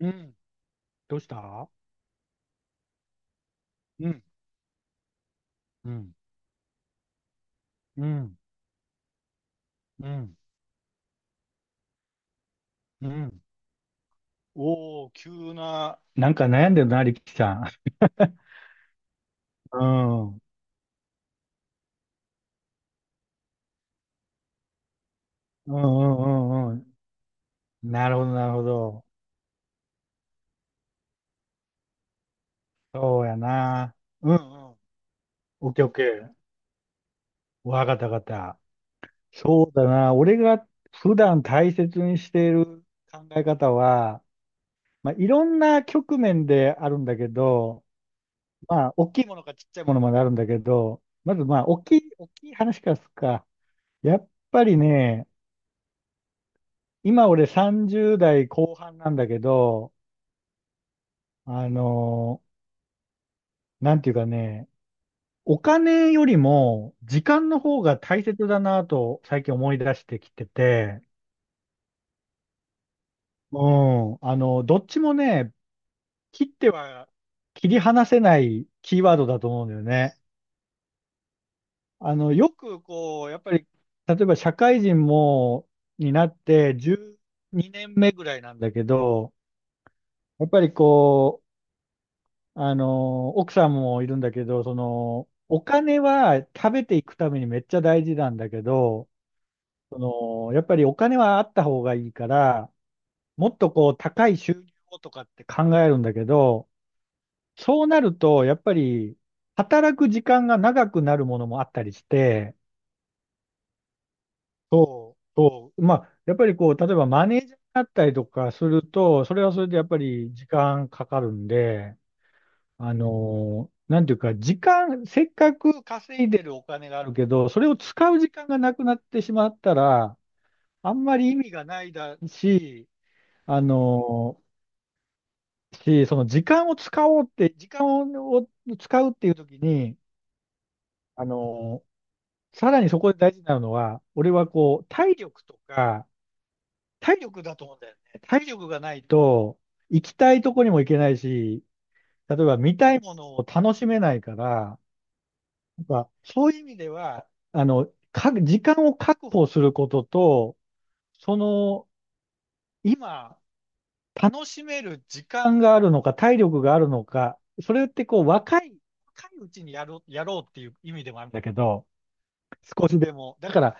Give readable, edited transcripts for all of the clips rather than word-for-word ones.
うん。どうした。うん。うん。うん。うん。うん。おお、急な。なんか悩んでるな、力さん。うん。うんうんうんうん。なるほど、なるほど。そうやな。うんうん。オッケーオッケー。わかったわかった。そうだな。俺が普段大切にしている考え方は、まあ、いろんな局面であるんだけど、まあ、大きいものかちっちゃいものまであるんだけど、まずまあ、大きい話からすっか。やっぱりね、今俺30代後半なんだけど、あのーなんていうかね、お金よりも時間の方が大切だなと最近思い出してきてて、うん、どっちもね、切っては切り離せないキーワードだと思うんだよね。よくこう、やっぱり、例えば社会人も、になって12年目ぐらいなんだけど、やっぱりこう、奥さんもいるんだけど、お金は食べていくためにめっちゃ大事なんだけど、そやっぱりお金はあった方がいいから、もっとこう、高い収入をとかって考えるんだけど、そうなると、やっぱり、働く時間が長くなるものもあったりして、そう、そう。まあ、やっぱりこう、例えばマネージャーになったりとかすると、それはそれでやっぱり時間かかるんで、なんていうか、時間、せっかく稼いでるお金があるけど、それを使う時間がなくなってしまったら、あんまり意味がないだし、あのその時間を使おうって、時間を使うっていう時に、あのーさらにそこで大事なのは、俺はこう、体力とか、体力だと思うんだよね。体力がないと、行きたいとこにも行けないし、例えば見たいものを楽しめないから、なんか、そういう意味では、あの、時間を確保することと、その、今、楽しめる時間があるのか、体力があるのか、それってこう、若いうちにやろう、やろうっていう意味でもあるんだけど、少しでも。だから、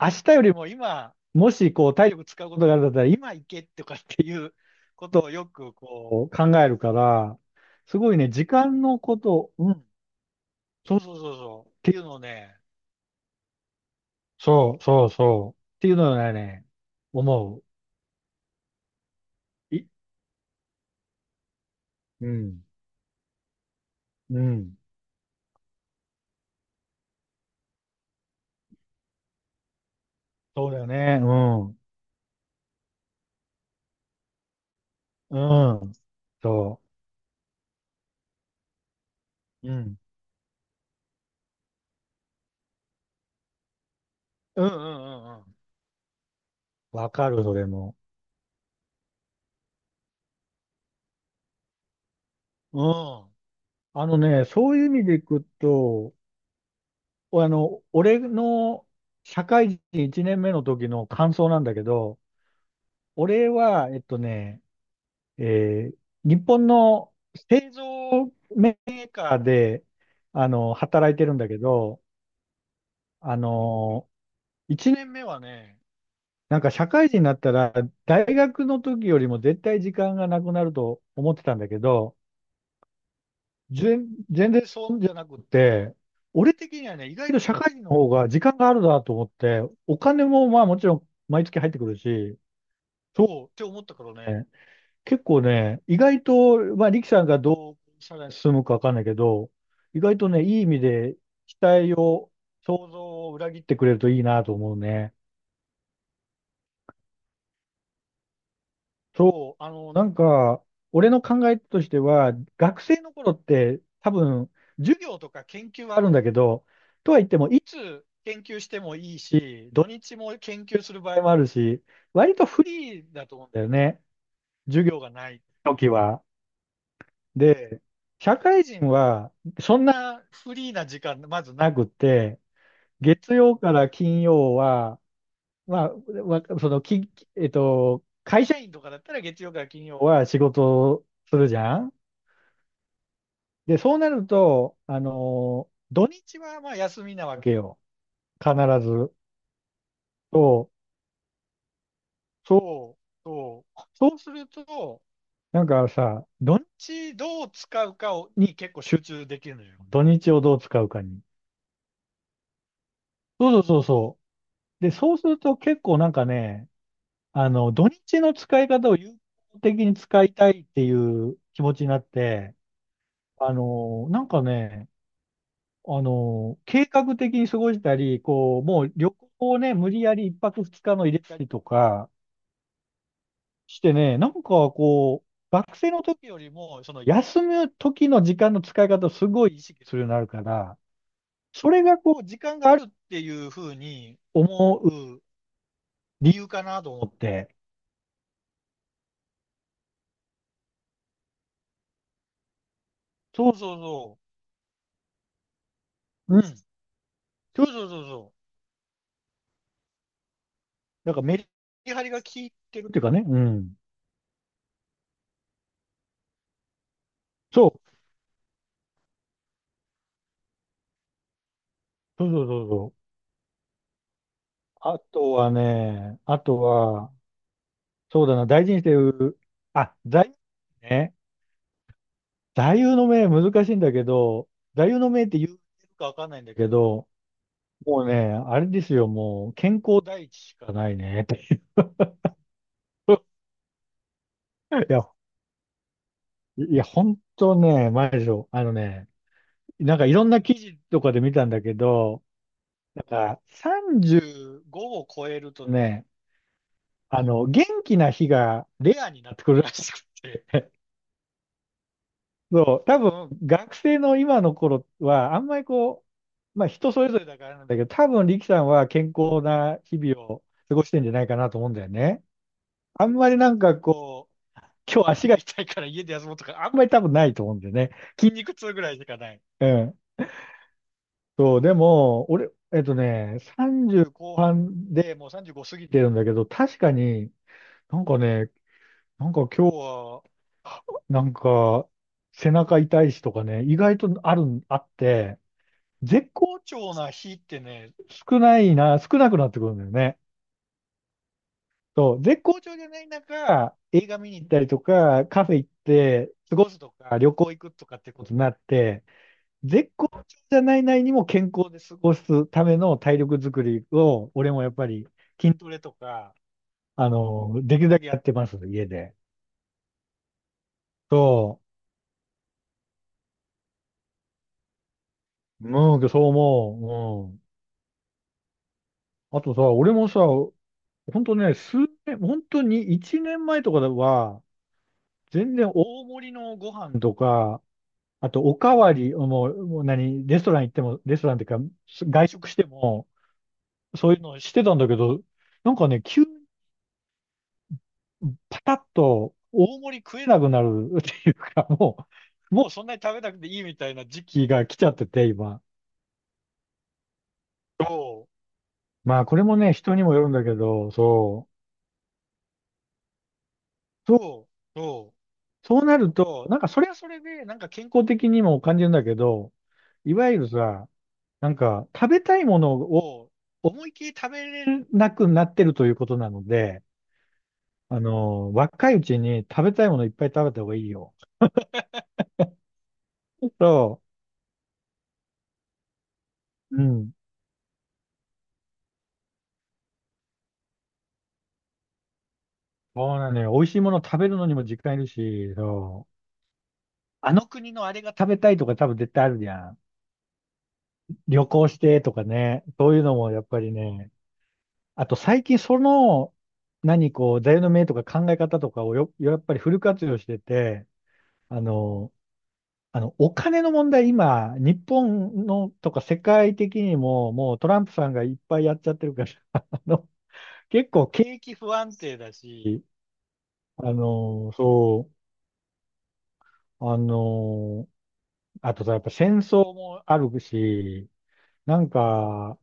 明日よりも今、もしこう、体力使うことがあるんだったら、今行けとかっていうことをよくこう、考えるから、すごいね、時間のこと、うん、そうそうそうそう、っていうのをね、そう、そう、そう。っていうのはね、思う。うん、うん。そうだよね。うん、うん。そう。うん。うん、うん、うん、うん。わかる、それも。うん。あのね、そういう意味でいくと、俺の社会人1年目の時の感想なんだけど、俺は、えっとね、えー日本の製造メーカーで、働いてるんだけど、あの、一年目はね、なんか社会人になったら、大学の時よりも絶対時間がなくなると思ってたんだけど、全然そうじゃなくて、俺的にはね、意外と社会人の方が時間があるなと思って、お金もまあもちろん毎月入ってくるし、そうって思ったからね、結構ね、意外と、まあ力さんがどうさらに進むかわかんないけど、意外とね、いい意味で期待を、想像を裏切ってくれるといいなと思うね。そう、なんか、俺の考えとしては、学生の頃って多分、授業とか研究はあるんだけど、とは言っても、いつ研究してもいいし、土日も研究する場合もあるし、割とフリーだと思うんだよね。授業がない時は。で、社会人は、そんなフリーな時間、まずなくって、月曜から金曜は、まあ、わその、き、えっと、会社員とかだったら月曜から金曜は仕事をするじゃん。で、そうなると、土日はまあ休みなわけよ。必ず。そう、そう、そう。そうすると、なんかさ、土日どう使うかをに結構集中できるのよ。土日をどう使うかに。そうそうそうそう。で、そうすると結構なんかね、土日の使い方を有効的に使いたいっていう気持ちになって、なんかね、計画的に過ごしたり、こう、もう旅行をね、無理やり一泊二日の入れたりとかしてね、なんかこう、学生の時よりも、その休む時の時間の使い方をすごい意識するようになるから、それがこう、時間があるっていうふうに思う理由かなと思って。そうそうそう。うん。そうそうそうそう。なんかメリハリが効いてるっていうかね。うん。そう。そうそうそうそう。あとはね、あとは、そうだな、大事にしてる、あ、座右ね。座右の銘難しいんだけど、座右の銘って言うかわかんないんだけど、もうね、あれですよ、もう、健康第一しかないね、っていう。いや、いや、本当ね、マジでしょ。あのね、なんかいろんな記事とかで見たんだけど、なんか35を超えるとね、元気な日がレアになってくるらしくて。そう、多分学生の今の頃は、あんまりこう、まあ人それぞれだからなんだけど、多分力さんは健康な日々を過ごしてんじゃないかなと思うんだよね。あんまりなんかこう、今日足が痛いから家で休もうとか、あんまり多分ないと思うんだよね。筋肉痛ぐらいしかない。うん。そう、でも、俺、30後半でもう35過ぎてるんだけど、確かになんかね、なんか今日は、なんか背中痛いしとかね、意外とあるん、あって、絶好調な日ってね、少なくなってくるんだよね。そう、絶好調じゃない中、映画見に行ったりとか、カフェ行って過ごすとか、旅行行くとかってことになって、絶好調じゃない内にも健康で過ごすための体力づくりを、俺もやっぱり筋トレとか、できるだけやってます、家で。そう、うん、そう思う。うん。あとさ、俺もさ、本当ね、数年、本当に1年前とかは、全然大盛りのご飯とか、あとおかわり、もう何、レストラン行っても、レストランっていうか、外食しても、そういうのしてたんだけど、なんかね、急にパタッと大盛り食えなくなるっていうか、もうそんなに食べなくていいみたいな時期が来ちゃってて、今。そう。まあ、これもね、人にもよるんだけど、そう。そう。そう。そうなると、なんかそれはそれで、なんか健康的にも感じるんだけど、いわゆるさ、なんか、食べたいものを思いっきり食べれなくなってるということなので、若いうちに食べたいものいっぱい食べた方がいいよ。そう、うん。そうなのよ。美味しいもの食べるのにも時間いるし、そう。あの国のあれが食べたいとか多分絶対あるじゃん。旅行してとかね。そういうのもやっぱりね。あと最近その、何こう、座右の銘とか考え方とかをよ、やっぱりフル活用してて、あの、お金の問題、今、日本のとか世界的にも、もうトランプさんがいっぱいやっちゃってるから、あの、結構景気不安定だし、そう、あとさ、やっぱ戦争もあるし、なんか、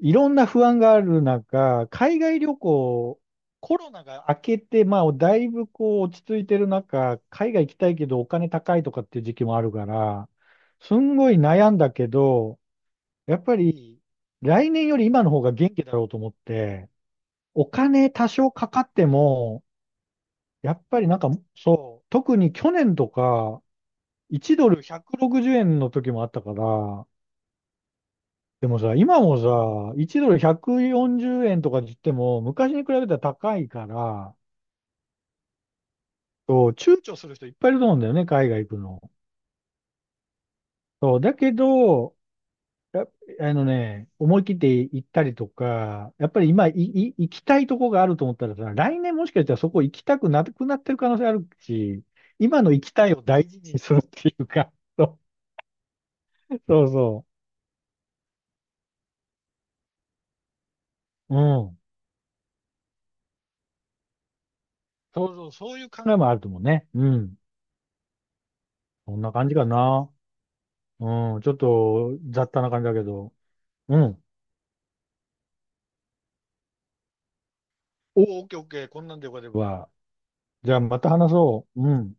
いろんな不安がある中、海外旅行、コロナが明けて、まあ、だいぶこう落ち着いてる中、海外行きたいけどお金高いとかっていう時期もあるから、すんごい悩んだけど、やっぱり、来年より今の方が元気だろうと思って、お金多少かかっても、やっぱりなんか、そう、特に去年とか、1ドル160円の時もあったから、でもさ、今もさ、1ドル140円とか言っても、昔に比べたら高いから、そう、躊躇する人いっぱいいると思うんだよね、海外行くの。そう、だけど、や、あのね、思い切って行ったりとか、やっぱり今行きたいとこがあると思ったらさ、来年もしかしたらそこ行きたくなくなってる可能性あるし、今の行きたいを大事にするっていうか、そうそうそう。うん。そうそう、そういう考えもあると思うね。うん。そんな感じかな。うん。ちょっと雑多な感じだけど。うん。おお、オッケーオッケー。こんなんでよければ。じゃあまた話そう。うん。